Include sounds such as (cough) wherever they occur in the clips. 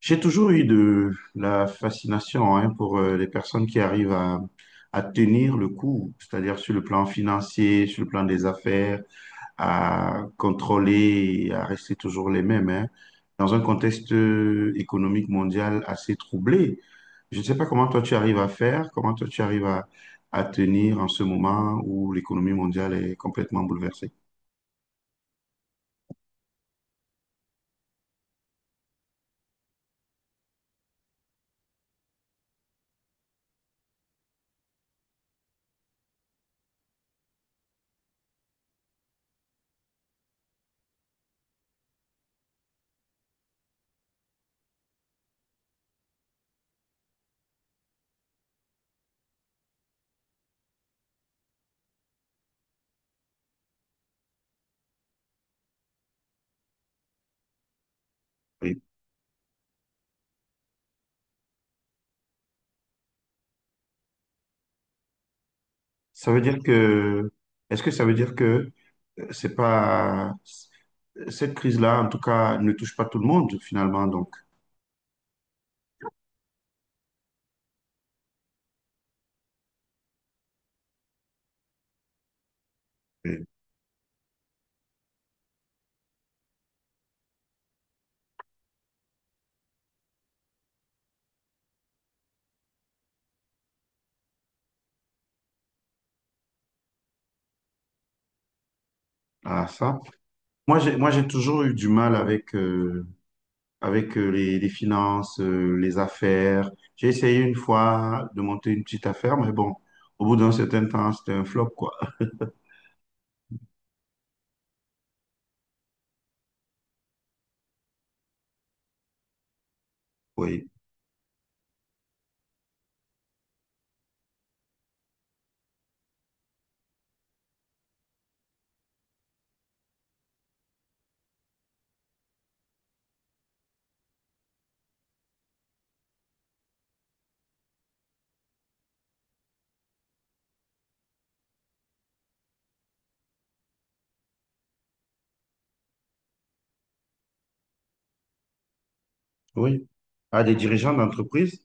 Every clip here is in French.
J'ai toujours eu de la fascination hein, pour les personnes qui arrivent à tenir le coup, c'est-à-dire sur le plan financier, sur le plan des affaires, à contrôler et à rester toujours les mêmes, hein, dans un contexte économique mondial assez troublé. Je ne sais pas comment toi tu arrives à faire, comment toi tu arrives à tenir en ce moment où l'économie mondiale est complètement bouleversée. Oui. Ça veut dire que, est-ce que ça veut dire que c'est pas cette crise-là, en tout cas, ne touche pas tout le monde finalement. Donc, euh, à ça. Moi, j'ai toujours eu du mal avec les finances, les affaires. J'ai essayé une fois de monter une petite affaire, mais bon, au bout d'un certain temps, c'était un flop, quoi. Oui, oui. À des dirigeants d'entreprise.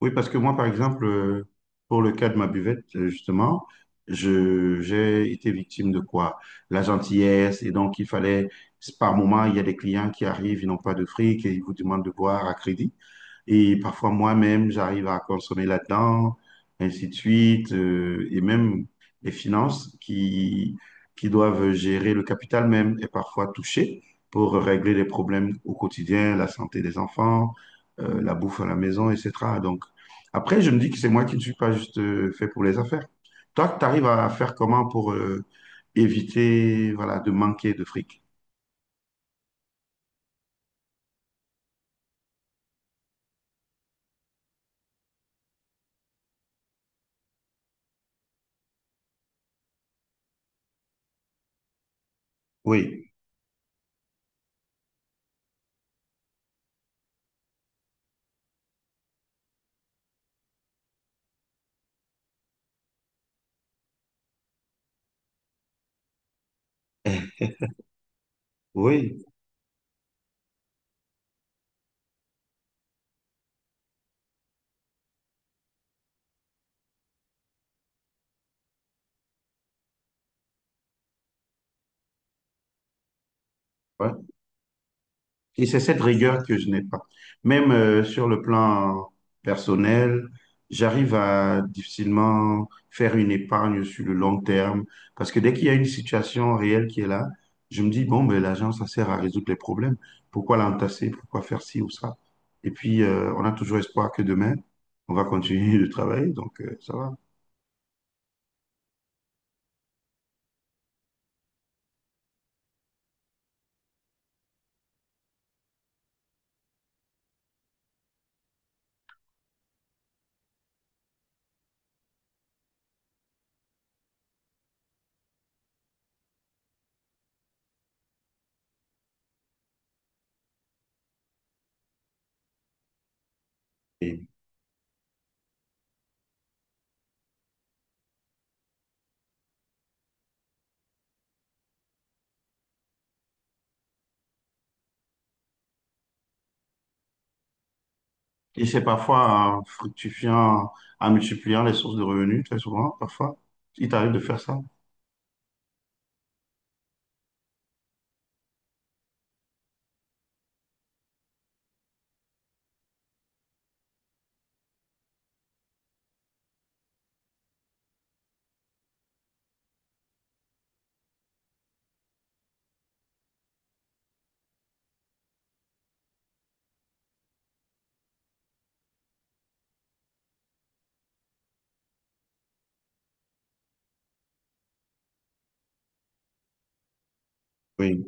Oui, parce que moi, par exemple, pour le cas de ma buvette, justement, j'ai été victime de quoi? La gentillesse, et donc il fallait, par moment, il y a des clients qui arrivent, ils n'ont pas de fric et ils vous demandent de boire à crédit. Et parfois moi-même, j'arrive à consommer là-dedans, ainsi de suite, et même les finances qui doivent gérer le capital même est parfois touchée pour régler les problèmes au quotidien, la santé des enfants, la bouffe à la maison, etc. Donc après, je me dis que c'est moi qui ne suis pas juste fait pour les affaires. Toi, tu arrives à faire comment pour éviter voilà, de manquer de fric? Oui, oui, et c'est cette rigueur que je n'ai pas. Même sur le plan personnel, j'arrive à difficilement faire une épargne sur le long terme parce que dès qu'il y a une situation réelle qui est là, je me dis, bon, ben, l'argent, ça sert à résoudre les problèmes. Pourquoi l'entasser? Pourquoi faire ci ou ça? Et puis, on a toujours espoir que demain, on va continuer de travailler, donc ça va. Et, et c'est parfois en fructifiant, en multipliant les sources de revenus, très souvent, parfois, il t'arrive de faire ça. Oui,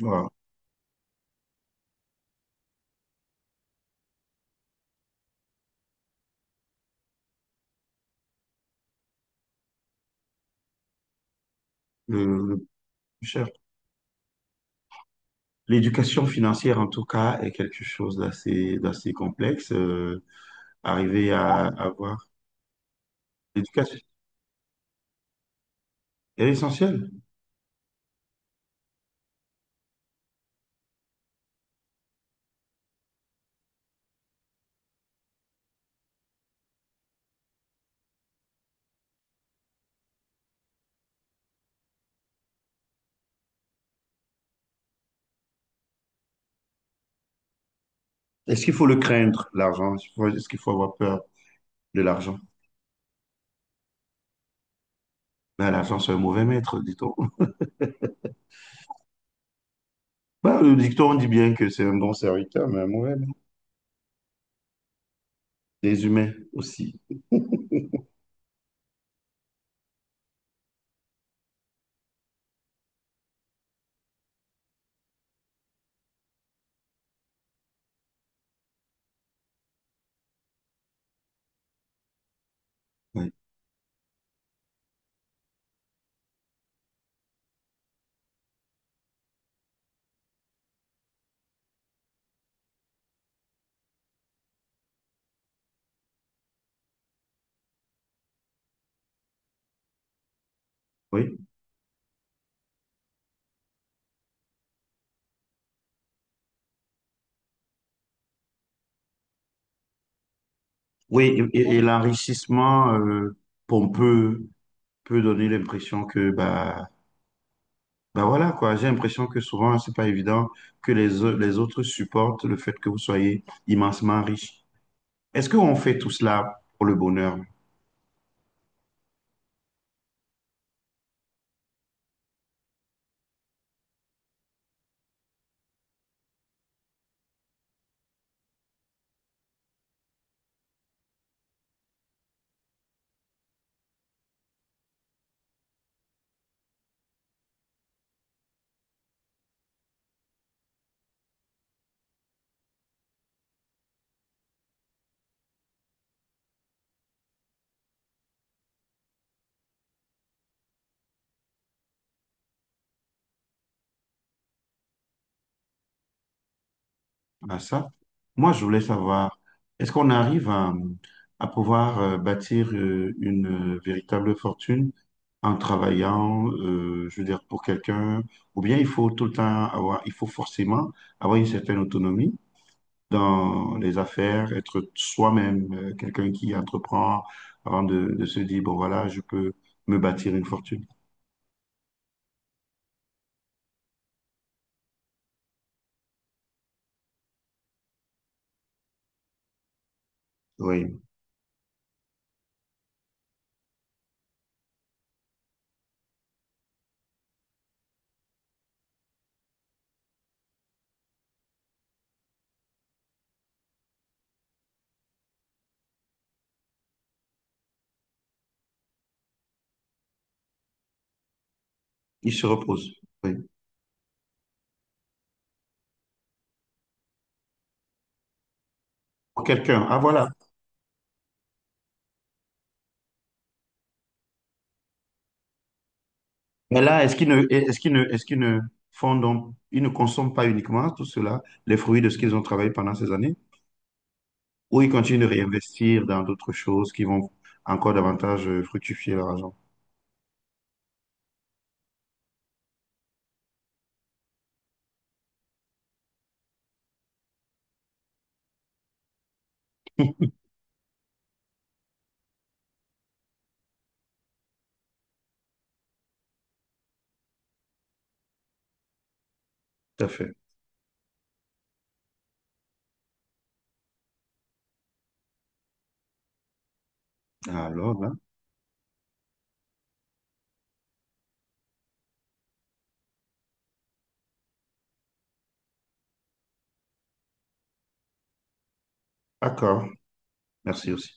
voilà. Le plus cher. L'éducation financière, en tout cas, est quelque chose d'assez complexe. Arriver à avoir l'éducation elle est essentielle. Est-ce qu'il faut le craindre, l'argent? Est-ce qu'il faut avoir peur de l'argent? Ben, l'argent, c'est un mauvais maître, dit-on. (laughs) Ben, le dicton on dit bien que c'est un bon serviteur, mais un mauvais maître. Les humains aussi. Oui. Oui, Oui, et l'enrichissement pompeux peut donner l'impression que bah, ben voilà quoi, j'ai l'impression que souvent c'est pas évident que les autres supportent le fait que vous soyez immensement riche. Est-ce qu'on fait tout cela pour le bonheur à ça? Moi je voulais savoir, est-ce qu'on arrive à pouvoir bâtir une véritable fortune en travaillant, je veux dire, pour quelqu'un, ou bien il faut tout le temps avoir, il faut forcément avoir une certaine autonomie dans les affaires, être soi-même, quelqu'un qui entreprend avant de se dire, bon voilà, je peux me bâtir une fortune. Oui, il se repose. Oui. Pour quelqu'un, ah voilà. Mais là, est-ce qu'ils ne font donc, ils ne consomment pas uniquement tout cela, les fruits de ce qu'ils ont travaillé pendant ces années, ou ils continuent de réinvestir dans d'autres choses qui vont encore davantage fructifier leur argent? (laughs) Tout à fait. Alors là, d'accord. Merci aussi.